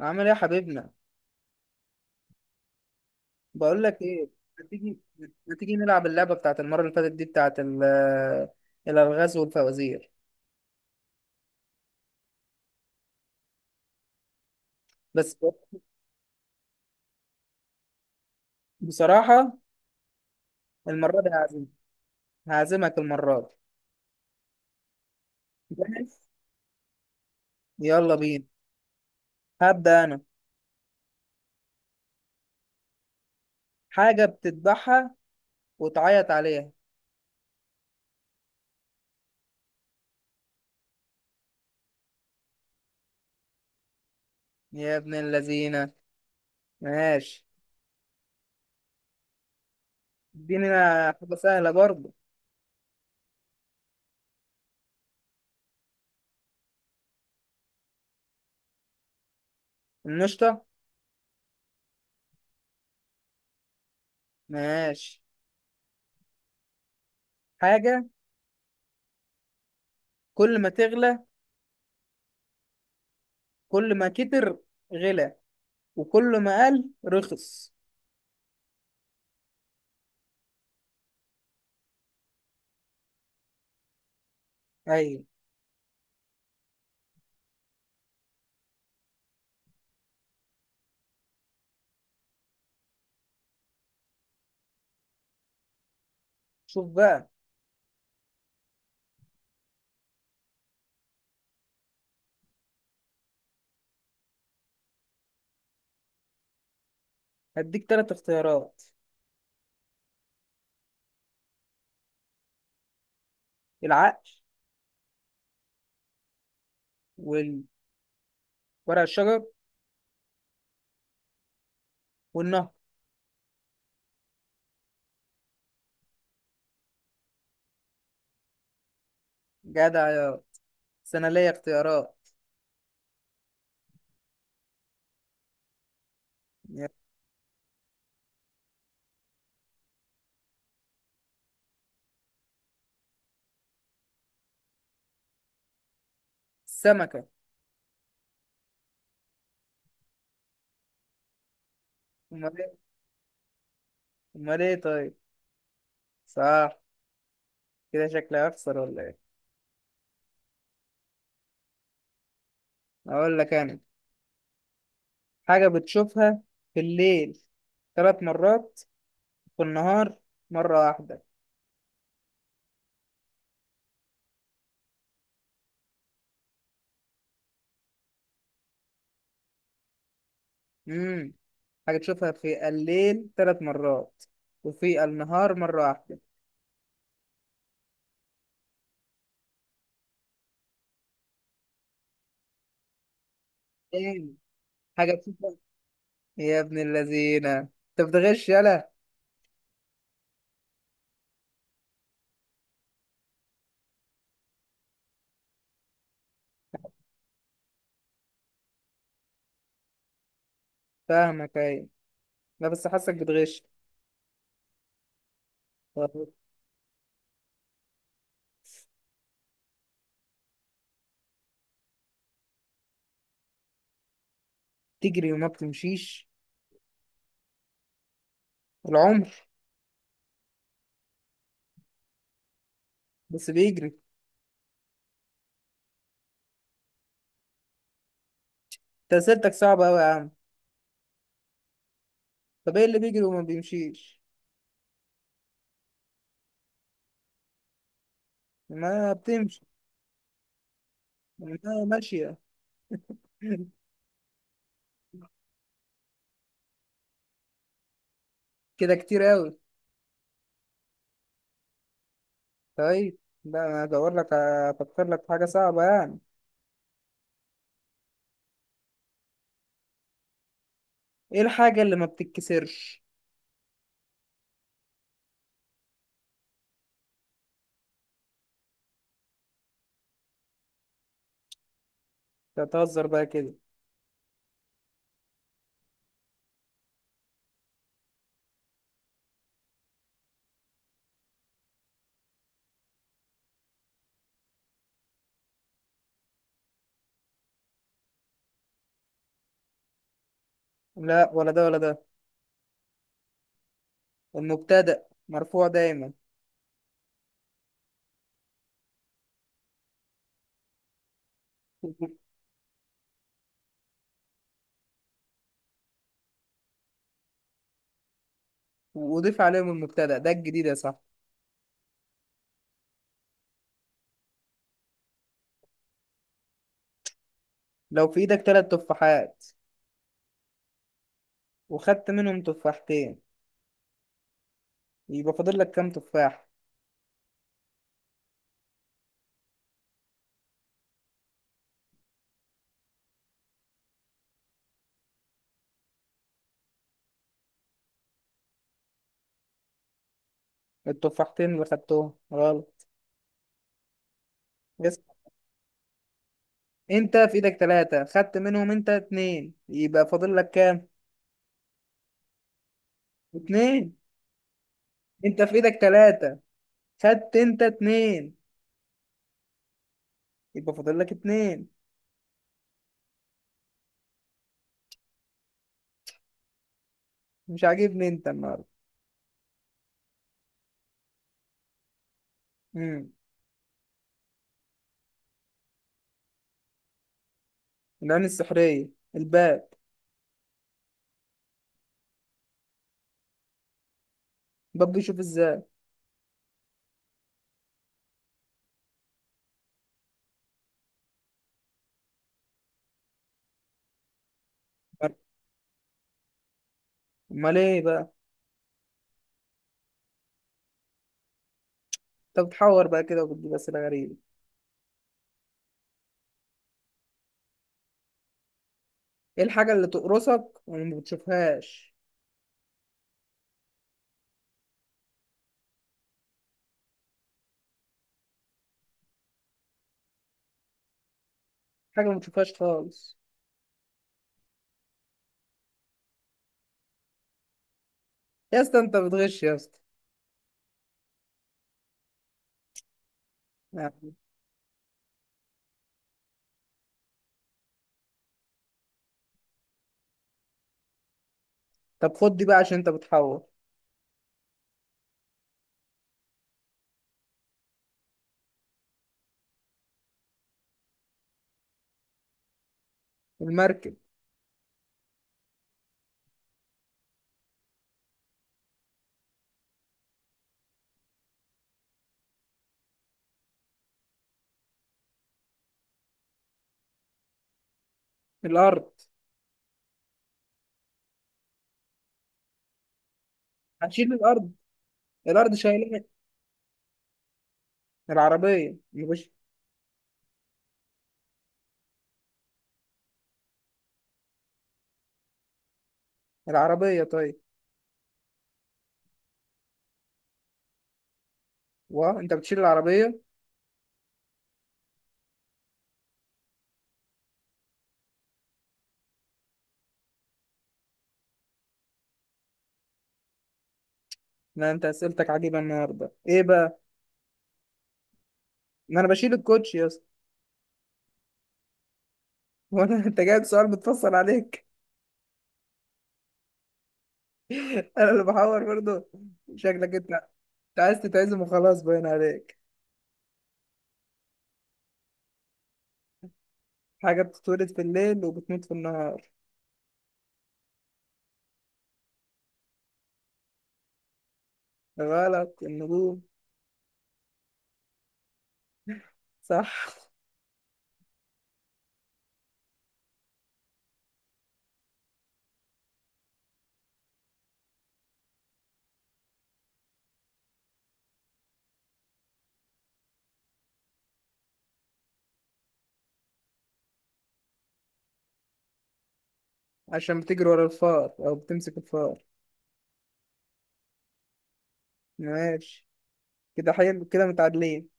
عامل ايه يا حبيبنا؟ بقول لك ايه. ما تيجي ما تيجي نلعب اللعبه بتاعت المره اللي فاتت دي بتاعت الالغاز والفوازير. بس بصراحه المره دي هعزمك، هعزمك المره دي. جاهز، يلا بينا. هبدا انا. حاجه بتذبحها وتعيط عليها. يا ابن اللذينه، ماشي. اديني أنا حاجه سهله برضه. النشطه. ماشي. حاجه كل ما تغلى، كل ما كتر غلى، وكل ما قل رخص. ايوه. شوف بقى. هديك 3 اختيارات: العقل، والورق الشجر، والنهر. جدع، بس انا ليا اختيارات. يا السمكة. امال ايه امال ايه طيب؟ صح. كده شكلي هخسر ولا ايه؟ اقول لك انا. حاجة بتشوفها في الليل 3 مرات، في النهار مرة واحدة. امم حاجة تشوفها في الليل تلات مرات وفي النهار مرة واحدة. ايه؟ حاجة بتشوفها. يا ابن اللذينة انت بتغش، يلا. فاهمك، ايوه. لا بس حاسك بتغش. تجري وما بتمشيش. العمر. بس بيجري. انت اسئلتك صعبة أوي يا عم. طب ايه اللي بيجري وما بيمشيش؟ ما بتمشي. ما ماشية. كده كتير أوي. طيب. لا انا ادور لك، افكر لك في حاجة صعبة يعني. ايه الحاجة اللي ما بتتكسرش؟ تتهزر بقى كده؟ لا، ولا ده ولا ده. المبتدأ مرفوع دايما. وضيف عليهم المبتدأ ده الجديد يا صاحبي. لو في ايدك 3 تفاحات وخدت منهم 2 تفاحات، يبقى فاضل لك كام تفاح؟ التفاحتين اللي خدتهم غلط. اسم. انت في ايدك 3، خدت منهم انت 2، يبقى فاضل لك كام؟ 2. انت في ايدك تلاتة، خدت انت 2، يبقى فاضل لك 2. مش عاجبني انت النهارده. امم العين السحرية، الباب. الباب بيشوف ازاي؟ امال ايه بقى؟ انت بتحور بقى كده وبتجيب اسئلة غريبة. ايه الحاجة اللي تقرصك وما بتشوفهاش؟ حاجة ما بتشوفهاش خالص. يا اسطى انت بتغش يا اسطى. نعم. طب خد دي بقى عشان انت بتحور. المركب. الارض. هتشيل الارض؟ الارض شايلها. العربيه مش. العربيه طيب. وانت بتشيل العربيه. لا، انت اسئلتك عجيبه النهارده، ايه بقى؟ ما انا بشيل الكوتش يا اسطى. هو انا انت جايب سؤال متفصل عليك. انا اللي بحور برضه؟ شكلك انت. انت عايز تتعزم وخلاص باين عليك. حاجه بتتولد في الليل وبتموت في النهار. غلط، النجوم. صح. عشان بتجري ورا الفار او بتمسك الفار. ماشي. كده حلو، كده متعادلين.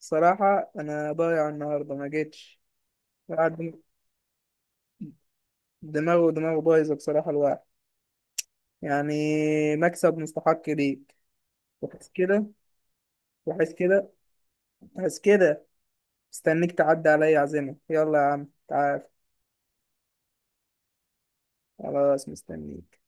بصراحة أنا ضايع النهاردة، ما جيتش. قاعد. دماغه ودماغه بايظة بصراحة، الواحد يعني. مكسب مستحق ليك. وحس كده، وحس كده، وحس كده. مستنيك تعدي عليا عزيمة. يلا يا عم تعال. خلاص مستنيك.